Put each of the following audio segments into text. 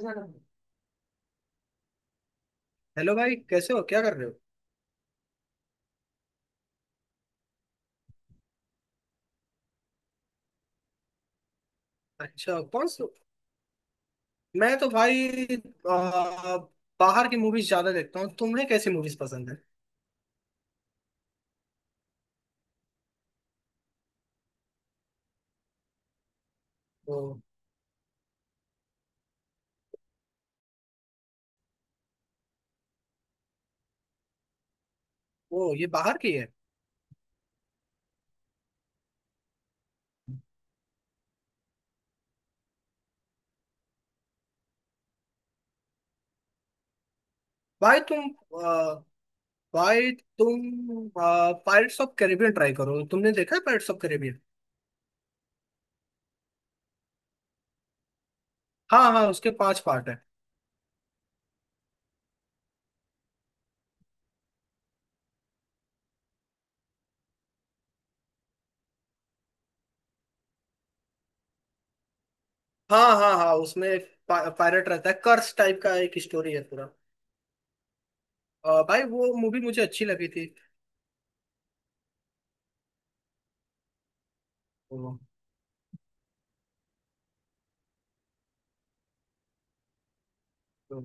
Hello भाई, कैसे हो? क्या कर रहे हो? अच्छा, कौन सा? मैं तो भाई आ, बाहर की मूवीज ज्यादा देखता हूँ। तुम्हें कैसी मूवीज पसंद है? ओ, ओ, ये बाहर की है। भाई तुम आ, भाई तुम पायरेट्स ऑफ कैरिबियन ट्राई करो। तुमने देखा है पायरेट्स ऑफ कैरिबियन? हाँ हाँ, उसके 5 पार्ट है। हाँ हाँ हाँ, उसमें एक पायरेट रहता है कर्स टाइप का, एक स्टोरी है पूरा। भाई वो मूवी मुझे अच्छी लगी थी। ओ, तो,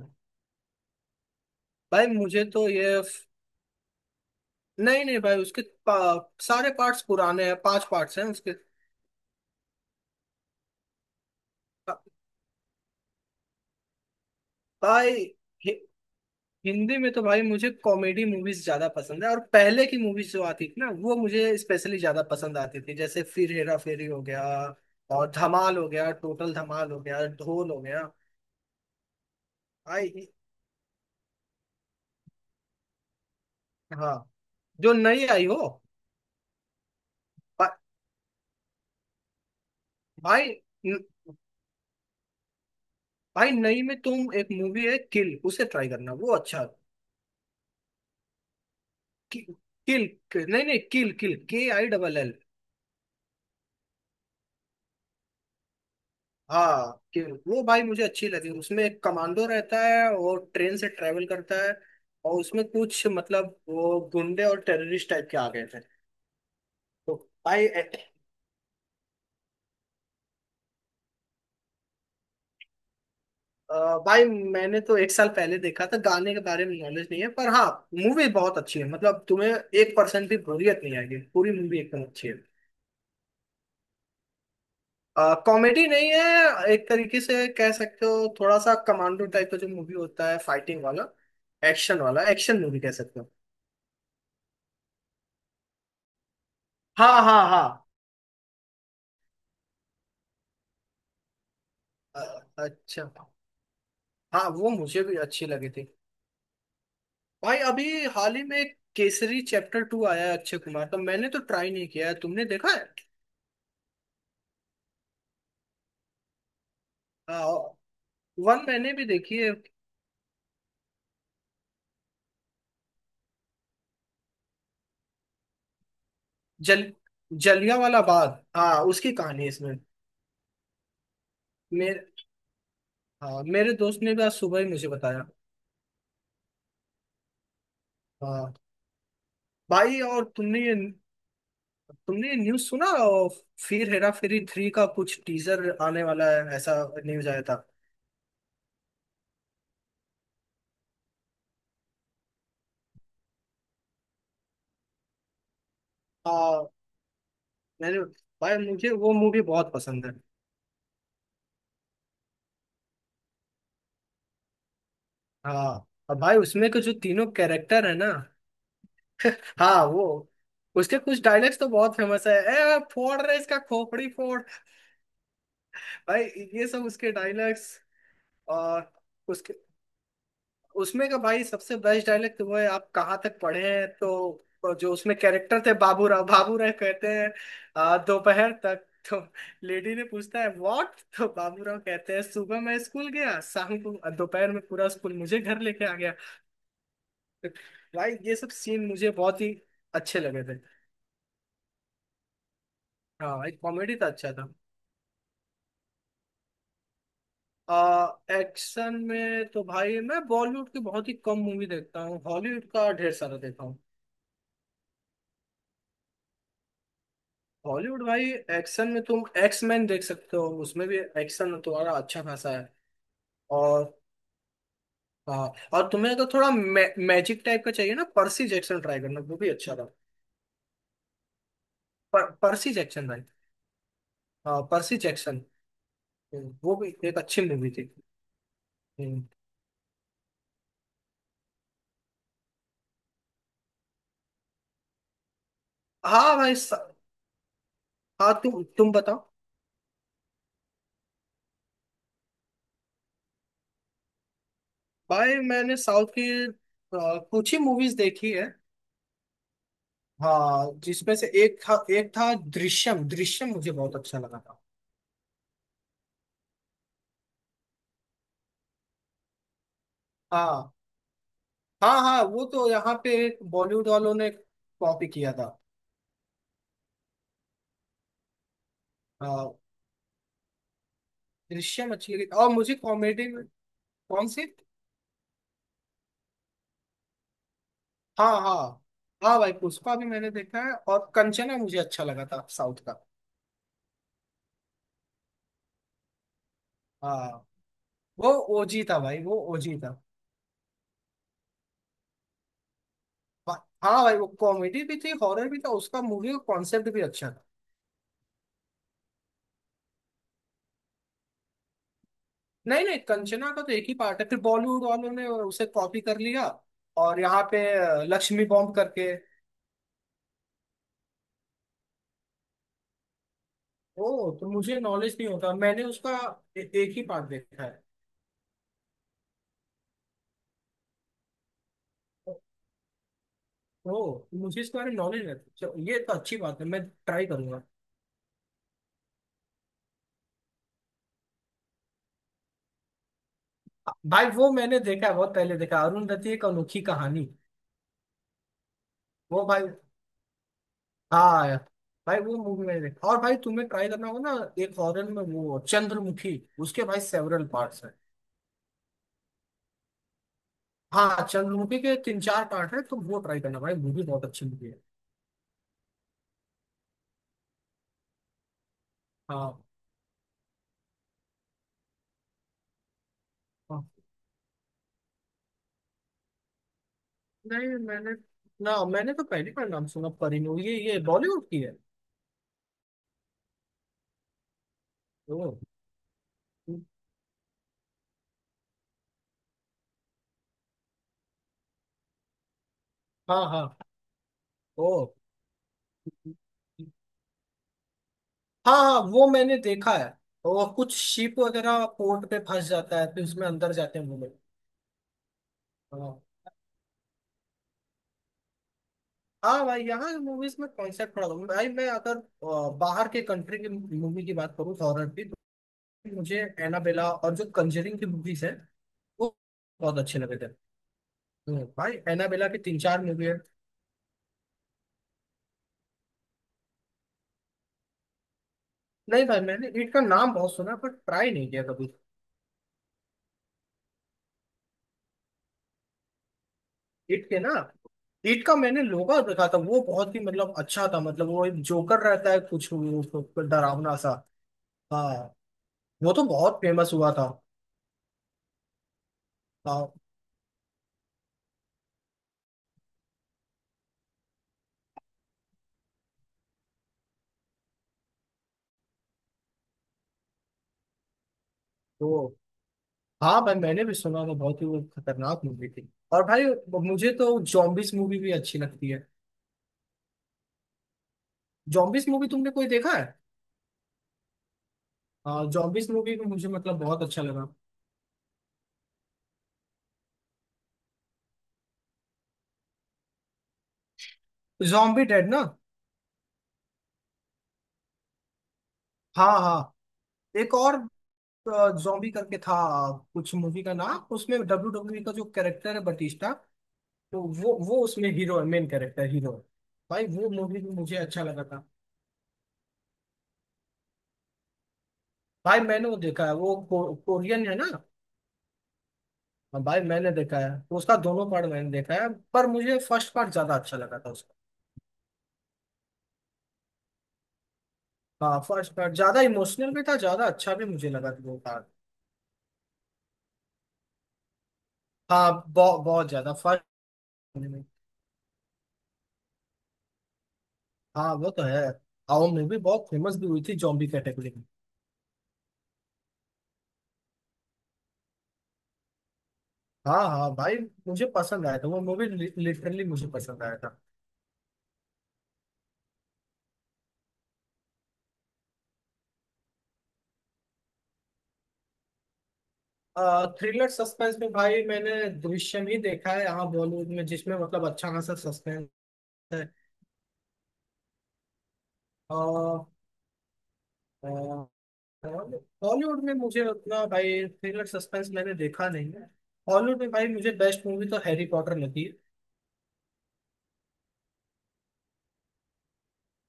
भाई मुझे तो ये, नहीं नहीं भाई, उसके सारे पार्ट्स पुराने हैं, 5 पार्ट्स हैं उसके। भाई हि- हिंदी में तो भाई मुझे कॉमेडी मूवीज ज्यादा पसंद है, और पहले की मूवीज जो आती थी ना, वो मुझे स्पेशली ज्यादा पसंद आती थी। जैसे फिर हेरा फेरी हो गया, और धमाल हो गया, टोटल धमाल हो गया, ढोल हो गया। भाई, हाँ, जो नई आई हो। भा, भाई न- भाई, नई में तुम, एक मूवी है किल, उसे ट्राई करना, वो अच्छा। कि, किल। नहीं नहीं, किल, किल, KILL। हाँ, कि वो भाई मुझे अच्छी लगी। उसमें एक कमांडो रहता है, और ट्रेन से ट्रेवल करता है, और उसमें कुछ मतलब वो गुंडे और टेररिस्ट टाइप के आ गए थे। तो भाई ए- अ, भाई मैंने तो एक साल पहले देखा था, गाने के बारे में नॉलेज नहीं है, पर हाँ, मूवी बहुत अच्छी है। मतलब तुम्हें 1% भी बोरियत नहीं आएगी, पूरी मूवी एकदम अच्छी है। कॉमेडी नहीं है, एक तरीके से कह सकते हो, थोड़ा सा कमांडो टाइप का जो मूवी होता है, फाइटिंग वाला, एक्शन वाला, एक्शन मूवी कह सकते हो। हाँ हाँ हाँ। अच्छा। हाँ, वो मुझे भी अच्छी लगी थी। भाई अभी हाल ही में केसरी चैप्टर 2 आया है अक्षय कुमार का, मैंने तो ट्राई नहीं किया है, तुमने देखा है? वन मैंने भी देखी है। जल जलिया वाला बाग, हाँ, उसकी कहानी है इसमें। मेरे हाँ, मेरे दोस्त ने भी आज सुबह ही मुझे बताया। हाँ भाई, और तुमने ये न्यूज़ सुना, और फिर हेरा फेरी 3 का कुछ टीजर आने वाला है ऐसा न्यूज़ आया था? हाँ मैंने भाई मुझे वो मूवी बहुत पसंद है। हाँ, और भाई उसमें के जो तीनों कैरेक्टर है ना, हाँ वो, उसके कुछ डायलॉग्स तो बहुत फेमस है। ए फोड़ रहे इसका खोपड़ी फोड़। भाई ये सब उसके डायलॉग्स, और उसके उसमें का भाई सबसे बेस्ट डायलॉग तो वो है, आप कहाँ तक पढ़े हैं, तो जो उसमें कैरेक्टर थे बाबूराव, बाबूराव कहते हैं, दोपहर तक तो, लेडी ने पूछता है व्हाट, तो बाबूराव कहते हैं सुबह मैं स्कूल गया, शाम को दोपहर में पूरा स्कूल मुझे घर लेके आ गया। भाई ये सब सीन मुझे बहुत ही अच्छे लगे थे। हाँ एक कॉमेडी था, अच्छा था। एक्शन में तो भाई मैं बॉलीवुड की बहुत ही कम मूवी देखता हूँ, हॉलीवुड का ढेर सारा देखता हूँ। हॉलीवुड भाई, एक्शन में तुम एक्स मैन देख सकते हो, उसमें भी एक्शन तुम्हारा अच्छा खासा है। और हाँ, और तुम्हें अगर थोड़ा मैजिक टाइप का चाहिए ना, पर्सी जैक्सन ट्राई करना, वो भी अच्छा था। पर्सी जैक्सन भाई। हाँ, पर्सी जैक्सन, वो भी एक अच्छी मूवी थी। हम्म। हाँ भाई स- हाँ, तुम बताओ। भाई मैंने साउथ की कुछ ही मूवीज देखी है। हाँ, जिसमें से एक था, एक था दृश्यम, दृश्यम मुझे बहुत अच्छा लगा था। हाँ हाँ हाँ, वो तो यहाँ पे बॉलीवुड वालों ने कॉपी किया था। हाँ, दृश्यम अच्छी लगी। और मुझे कॉमेडी में, कौन सी? हाँ हाँ हाँ भाई, पुष्पा भी मैंने देखा है, और कंचना मुझे अच्छा लगा था साउथ का। हाँ, वो ओजी था भाई, वो ओजी था। हाँ भाई, वो कॉमेडी भी थी, हॉरर भी था, उसका मूवी का कॉन्सेप्ट भी अच्छा था। नहीं नहीं, कंचना का तो एक ही पार्ट है, फिर बॉलीवुड वालों ने उसे कॉपी कर लिया, और यहाँ पे लक्ष्मी बॉम्ब करके। ओ, तो मुझे नॉलेज नहीं होता। मैंने उसका एक ही पार्ट देखा है। ओ, तो मुझे इसके बारे में नॉलेज नहीं था। चलो, ये तो अच्छी बात है, मैं ट्राई करूंगा। भाई वो मैंने देखा है, बहुत पहले देखा है, अरुण दत्त की एक अनोखी कहानी। वो भाई हाँ भाई, वो मूवी मैंने देखा। और भाई तुम्हें ट्राई करना होगा ना एक, हॉरर में वो चंद्रमुखी, उसके भाई सेवरल पार्ट्स हैं। हाँ, चंद्रमुखी के 3-4 पार्ट है, तुम वो ट्राई करना भाई, मूवी बहुत अच्छी मूवी है। हाँ। हाँ। नहीं, मैंने, ना, मैंने तो पहली बार नाम सुना परिणय, ये बॉलीवुड की है? ओ। हाँ हाँ। ओ। हाँ हाँ, वो मैंने देखा है। वो कुछ शिप वगैरह पोर्ट पे फंस जाता है, फिर उसमें अंदर जाते हैं वो लोग। हाँ। हाँ भाई, यहाँ मूवीज में कॉन्सेप्ट बड़ा होता है। भाई मैं अगर बाहर के कंट्री की मूवी की बात करूँ हॉरर की, तो मुझे एनाबेला और जो कंजरिंग की मूवीज है, वो बहुत अच्छे लगे थे। नहीं भाई, एनाबेला की 3-4 मूवी है। नहीं भाई, मैंने ईट का नाम बहुत सुना है, पर ट्राई नहीं किया कभी। ईट के ना, ईट का मैंने लोगा देखा था, वो बहुत ही मतलब अच्छा था। मतलब वो एक जोकर रहता है कुछ, वो डरावना सा। हाँ, वो तो बहुत फेमस हुआ था। हाँ तो, हाँ भाई, मैंने भी सुना था, बहुत ही वो खतरनाक मूवी थी। और भाई मुझे तो जॉम्बिस मूवी भी अच्छी लगती है। जॉम्बिस मूवी तुमने कोई देखा है? हाँ, जॉम्बिस मूवी भी मुझे मतलब बहुत अच्छा लगा। जॉम्बी डेड ना? हाँ हाँ, एक और जॉम्बी करके था कुछ मूवी का नाम, उसमें WWE का जो कैरेक्टर है बटिस्टा, तो वो उसमें हीरो है, मेन कैरेक्टर हीरो है, भाई वो मूवी भी मुझे अच्छा लगा था। भाई मैंने वो देखा है, वो कोरियन है ना? हाँ, भाई मैंने देखा है, तो उसका दोनों पार्ट मैंने देखा है, पर मुझे फर्स्ट पार्ट ज्यादा अच्छा लगा था उसका। हाँ, फर्स्ट पार्ट ज्यादा इमोशनल भी था, ज्यादा अच्छा भी मुझे लगा था वो पार्ट। हाँ, बहुत बहुत ज्यादा फर्स्ट में। हाँ, वो तो है। और मूवी बहुत फेमस भी हुई थी जॉम्बी कैटेगरी में। हाँ हाँ भाई, मुझे पसंद आया था वो मूवी, लिटरली मुझे पसंद आया था। थ्रिलर सस्पेंस में भाई, मैंने दृश्यम ही देखा है यहाँ बॉलीवुड में, जिसमें मतलब अच्छा खासा सस्पेंस है। बॉलीवुड में मुझे उतना भाई थ्रिलर सस्पेंस मैंने देखा नहीं है। हॉलीवुड में भाई मुझे बेस्ट मूवी तो हैरी पॉटर लगी है।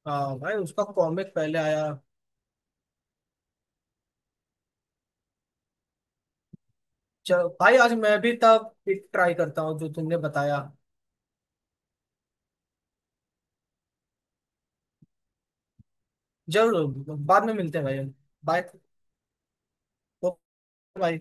भाई उसका कॉमिक पहले आया। चलो भाई, आज मैं भी तब ट्राई करता हूँ जो तुमने बताया। जरूर, बाद में मिलते हैं भाई। बाय। बाय।